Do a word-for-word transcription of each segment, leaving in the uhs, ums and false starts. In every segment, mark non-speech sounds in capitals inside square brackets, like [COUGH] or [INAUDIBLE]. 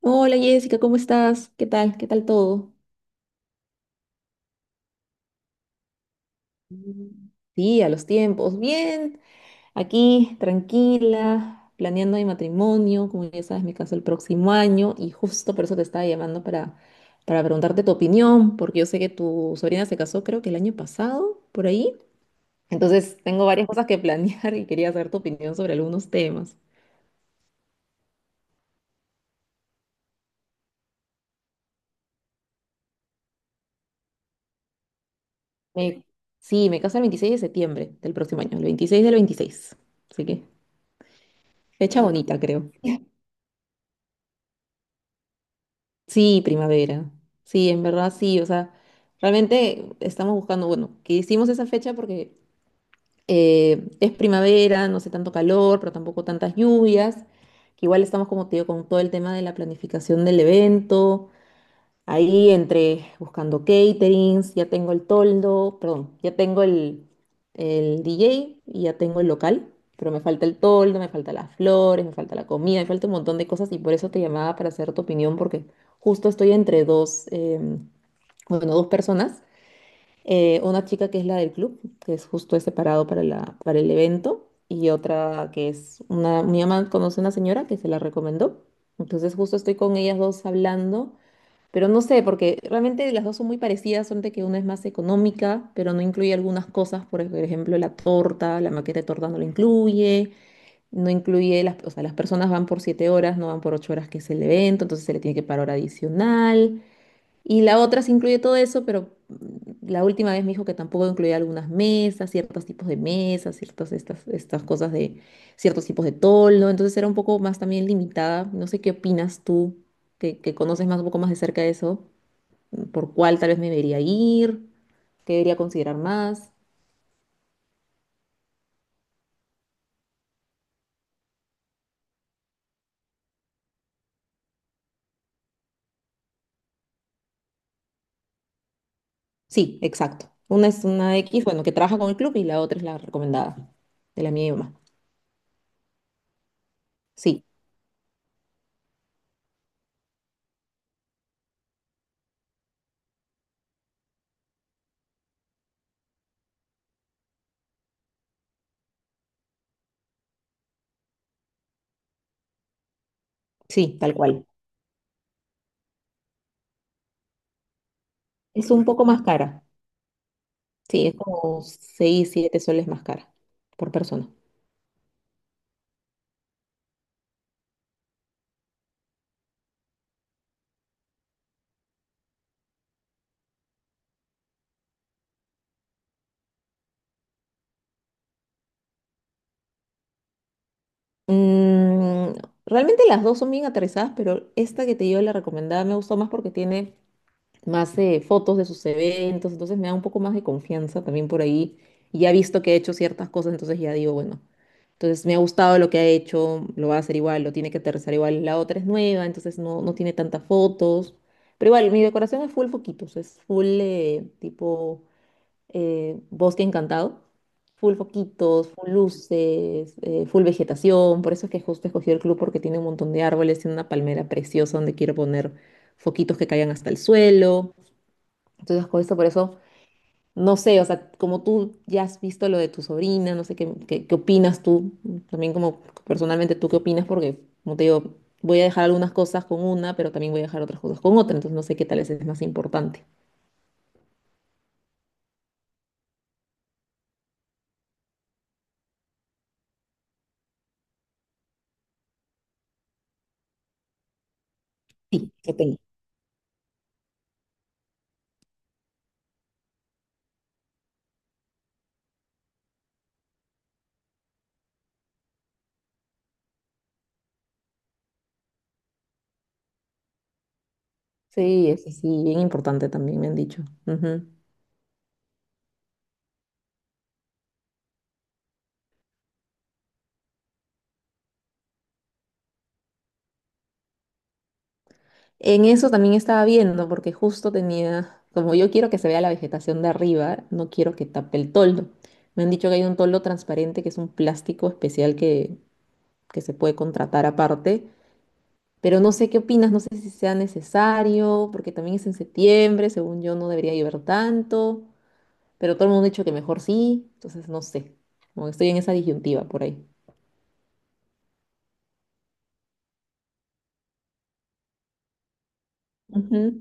Hola Jessica, ¿cómo estás? ¿Qué tal? ¿Qué tal todo? Mm. Sí, a los tiempos. Bien, aquí tranquila, planeando mi matrimonio. Como ya sabes, me caso el próximo año y justo por eso te estaba llamando para, para preguntarte tu opinión, porque yo sé que tu sobrina se casó creo que el año pasado, por ahí. Entonces tengo varias cosas que [LAUGHS] planear y quería saber tu opinión sobre algunos temas. Me- sí, me caso el veintiséis de septiembre del próximo año, el veintiséis del veintiséis. Así que fecha bonita, creo. Sí, primavera. Sí, en verdad sí. O sea, realmente estamos buscando, bueno, que hicimos esa fecha porque eh, es primavera, no hace tanto calor, pero tampoco tantas lluvias. Que igual estamos, como te digo, con todo el tema de la planificación del evento. Ahí entre buscando caterings, ya tengo el toldo, perdón, ya tengo el, el D J y ya tengo el local, pero me falta el toldo, me falta las flores, me falta la comida, me falta un montón de cosas y por eso te llamaba para hacer tu opinión porque justo estoy entre dos, em, bueno, dos personas, eh, una chica que es la del club, que es justo es separado para la, para el evento y otra que es una, mi mamá conoce a una señora que se la recomendó, entonces justo estoy con ellas dos hablando pero no sé, porque realmente las dos son muy parecidas, solamente que una es más económica, pero no incluye algunas cosas, por ej- por ejemplo, la torta, la maqueta de torta no la incluye, no incluye las, o sea, las personas van por siete horas, no van por ocho horas que es el evento, entonces se le tiene que pagar hora adicional. Y la otra sí incluye todo eso, pero mm, la última vez me dijo que tampoco incluía algunas mesas, ciertos tipos de mesas, ciertas estas, estas cosas de ciertos tipos de toldo, entonces era un poco más también limitada. No sé qué opinas tú, que, que conoces más un poco más de cerca de eso por cuál tal vez me debería ir, qué debería considerar más. Sí, exacto. Una es una X, bueno, que trabaja con el club y la otra es la recomendada de la mía y mi mamá. Sí, sí, tal cual. Es un poco más cara. Sí, es como seis siete soles más cara por persona. Mm, realmente las dos son bien aterrizadas, pero esta que te dio la recomendada me gustó más porque tiene más eh, fotos de sus eventos, entonces me da un poco más de confianza también por ahí. Y ya he visto que he hecho ciertas cosas, entonces ya digo, bueno, entonces me ha gustado lo que ha hecho, lo va a hacer igual, lo tiene que aterrizar igual. La otra es nueva, entonces no, no tiene tantas fotos. Pero igual, mi decoración es full foquitos, es full eh, tipo eh, bosque encantado, full foquitos, full luces, eh, full vegetación. Por eso es que justo escogí el club porque tiene un montón de árboles y una palmera preciosa donde quiero poner foquitos que caigan hasta el suelo. Entonces, con esto, por eso, no sé, o sea, como tú ya has visto lo de tu sobrina, no sé qué, qué, qué opinas tú, también como personalmente tú qué opinas, porque como te digo, voy a dejar algunas cosas con una, pero también voy a dejar otras cosas con otra, entonces no sé qué tal es más importante. Sí, que tengo. Sí, es sí, bien importante también me han dicho. Ujú. En eso también estaba viendo, porque justo tenía, como yo quiero que se vea la vegetación de arriba, no quiero que tape el toldo. Me han dicho que hay un toldo transparente que es un plástico especial que que se puede contratar aparte, pero no sé qué opinas, no sé si sea necesario, porque también es en septiembre, según yo no debería llover tanto, pero todo el mundo ha dicho que mejor sí, entonces no sé, como que estoy en esa disyuntiva por ahí. Ujú.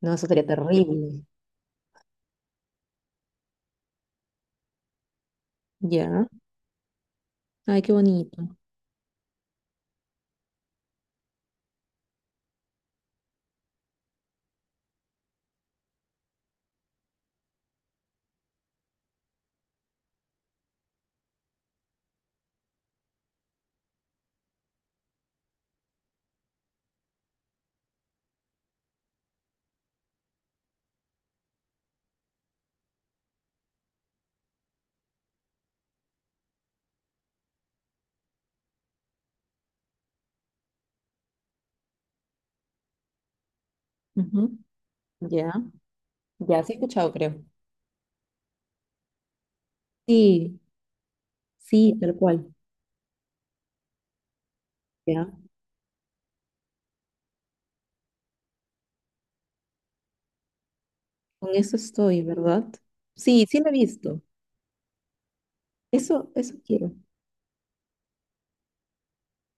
No, eso sería terrible. Ya. Ay, qué bonito. Ujú. Ya. Ya, sí he escuchado, creo. Sí, sí, tal cual. Ya. Con eso estoy, ¿verdad? Sí, sí lo he visto. Eso, eso quiero.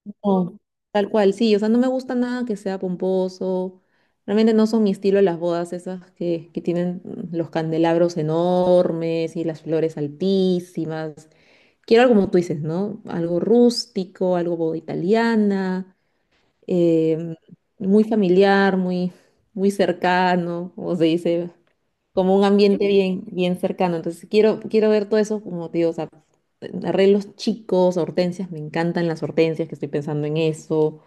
No, tal cual, sí, o sea, no me gusta nada que sea pomposo. Realmente no son mi estilo las bodas esas que, que tienen mm, los candelabros enormes y las flores altísimas. Quiero algo como tú dices, ¿no? Algo rústico, algo boda italiana, em, muy familiar, muy, muy cercano, como se dice, como un ambiente bien, bien cercano. Entonces quiero, quiero ver todo eso, como te digo, o sea, arreglos chicos, hortensias, me encantan las hortensias, que estoy pensando en eso.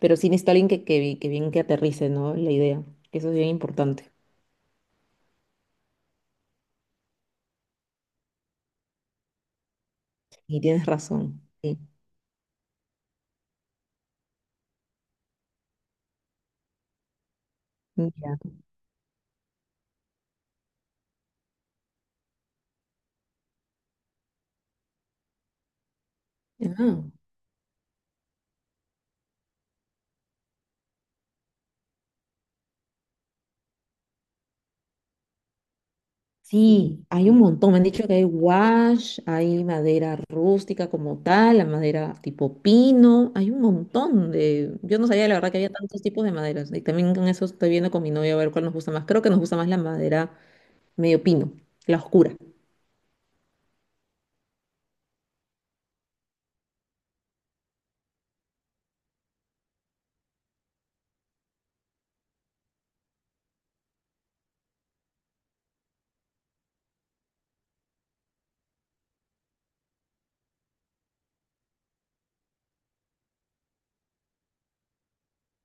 Pero sí necesito alguien que, que, que bien que aterrice, ¿no? La idea. Eso es bien importante. Y tienes razón. Sí. Mira. Ah, sí, hay un montón. Me han dicho que hay wash, hay madera rústica como tal, la madera tipo pino. Hay un montón de. Yo no sabía, la verdad, que había tantos tipos de maderas. Y también con eso estoy viendo con mi novia a ver cuál nos gusta más. Creo que nos gusta más la madera medio pino, la oscura.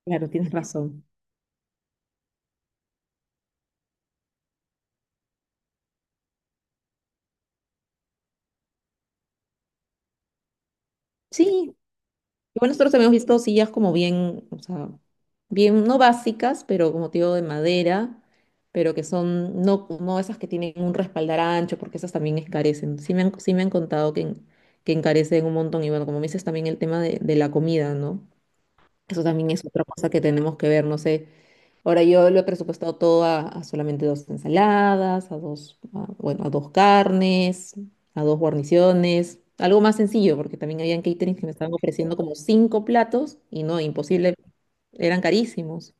Claro, tienes razón. Sí, y bueno nosotros habíamos visto sillas como bien, o sea, bien, no básicas, pero como te digo, de madera, pero que son, no, no esas que tienen un respaldar ancho, porque esas también escarecen. Sí me han, sí me han contado que, en- que encarecen un montón. Y bueno, como me dices también el tema de, de la comida, ¿no? Eso también es otra cosa que tenemos que ver. No sé, ahora yo lo he presupuestado todo a, a solamente dos ensaladas, a dos, a- bueno, a dos carnes, a dos guarniciones, algo más sencillo, porque también habían caterings que me estaban ofreciendo como cinco platos y no, imposible, eran carísimos.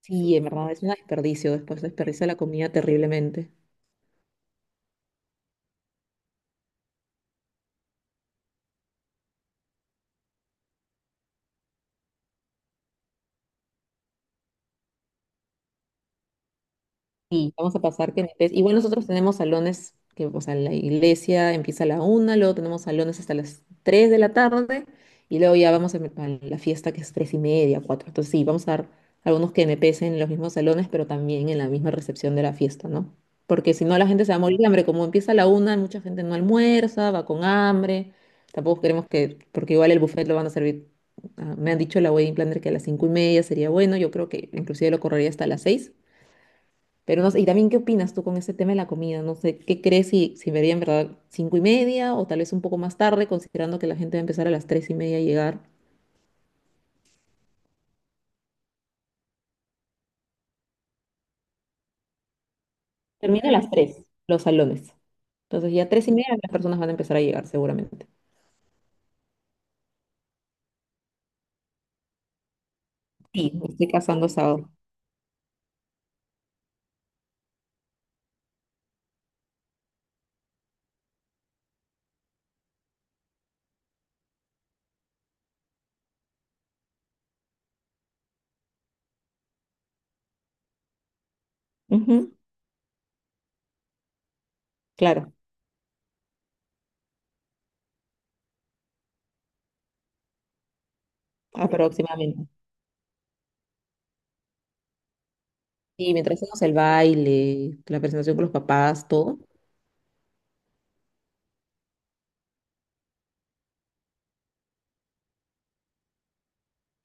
Sí, en verdad es un desperdicio, después desperdicia la comida terriblemente. Y vamos a pasar que después, igual nosotros tenemos salones que, o sea, la iglesia empieza a la una, luego tenemos salones hasta las tres de la tarde y luego ya vamos a, a la fiesta que es tres y media, cuatro. Entonces sí, vamos a dar algunos que me pesen en los mismos salones, pero también en la misma recepción de la fiesta, ¿no? Porque si no la gente se va a morir de hambre, como empieza a la una, mucha gente no almuerza, va con hambre. Tampoco queremos que, porque igual el buffet lo van a servir, ah, me han dicho la wedding planner que a las cinco y media sería bueno, yo creo que inclusive lo correría hasta las seis pero no sé, y también, ¿qué opinas tú con ese tema de la comida? No sé, ¿qué crees si, si vería en verdad cinco y media o tal vez un poco más tarde, considerando que la gente va a empezar a las tres y media a llegar? Termina a las tres, los salones. Entonces ya tres y media las personas van a empezar a llegar seguramente. Sí, me estoy casando sábado. Ujú, claro, aproximadamente. Y mientras hacemos el baile, la presentación con los papás, todo.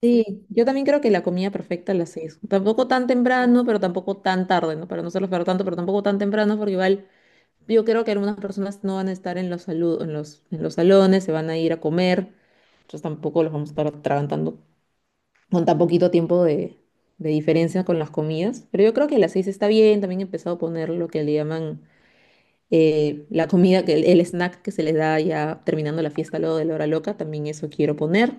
Sí, yo también creo que la comida perfecta a las seis. Tampoco tan temprano, pero tampoco tan tarde, ¿no? Para no hacerlo esperar tanto, pero tampoco tan temprano, porque igual yo creo que algunas personas no van a estar en los, salu- en los, en los salones, se van a ir a comer, entonces tampoco los vamos a estar atragantando con tan poquito tiempo de, de diferencia con las comidas. Pero yo creo que a las seis está bien, también he empezado a poner lo que le llaman eh, la comida, que el, el snack que se les da ya terminando la fiesta luego de la hora loca, también eso quiero poner.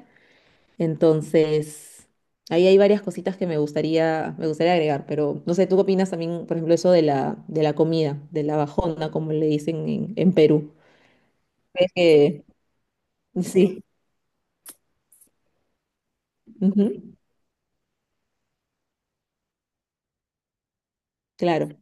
Entonces, ahí hay varias cositas que me gustaría, me gustaría agregar, pero no sé, ¿tú qué opinas también, por ejemplo, eso de la, de la comida, de la bajona, como le dicen en en Perú? Ves que sí, ujú, claro.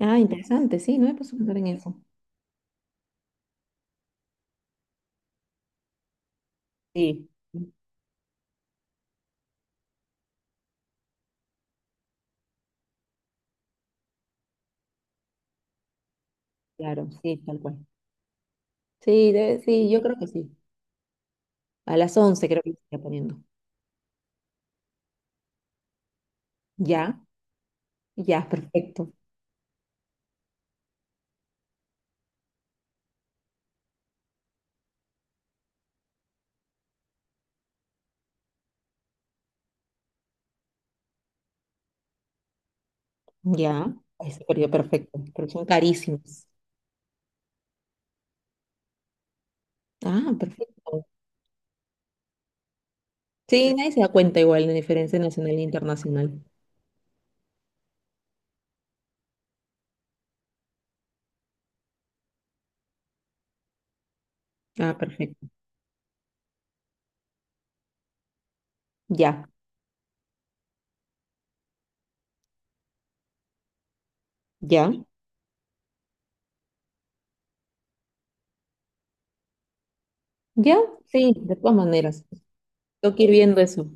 Ah, interesante, sí, no me puesto a pensar en eso. Sí, claro, sí, tal cual. Sí, debe- sí, yo creo que sí. A las once creo que me estoy poniendo. Ya, ya, perfecto. Ya, ese periodo perfecto, pero son carísimos. Ah, perfecto. Sí, nadie se da cuenta igual de la diferencia nacional e internacional. Ah, perfecto. Ya, ya, ya, sí, de todas maneras. Tengo que ir viendo eso.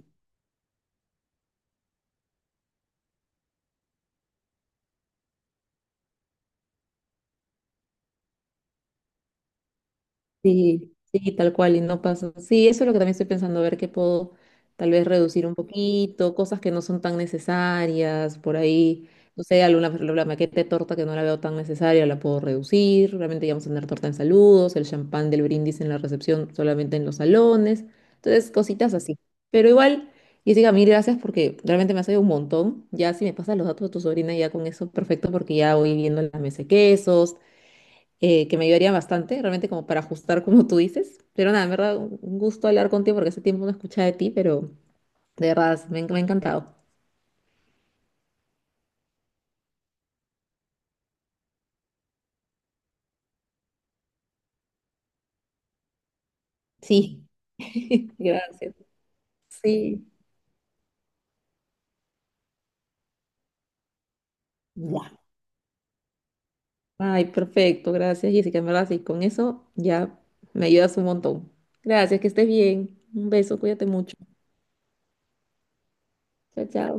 Sí, sí, tal cual, y no pasa. Sí, eso es lo que también estoy pensando, a ver qué puedo tal vez reducir un poquito, cosas que no son tan necesarias, por ahí, no sé, alguna la maqueta de torta que no la veo tan necesaria, la puedo reducir, realmente ya vamos a tener torta en saludos, el champán del brindis en la recepción solamente en los salones, entonces cositas así. Pero igual, Jessica, mil gracias porque realmente me has ayudado un montón, ya si me pasas los datos de tu sobrina ya con eso, perfecto, porque ya voy viendo la mesa de quesos eh, que me ayudarían bastante, realmente como para ajustar como tú dices. Pero nada, en verdad, un un gusto hablar contigo porque hace tiempo no escuchaba de ti, pero de verdad, me, ha me ha encantado. Sí, [LAUGHS] gracias. Sí. Ya. Ay, perfecto, gracias Jessica, en verdad, sí, con eso ya me ayudas un montón. Gracias, que estés bien. Un beso, cuídate mucho. Chao, chao.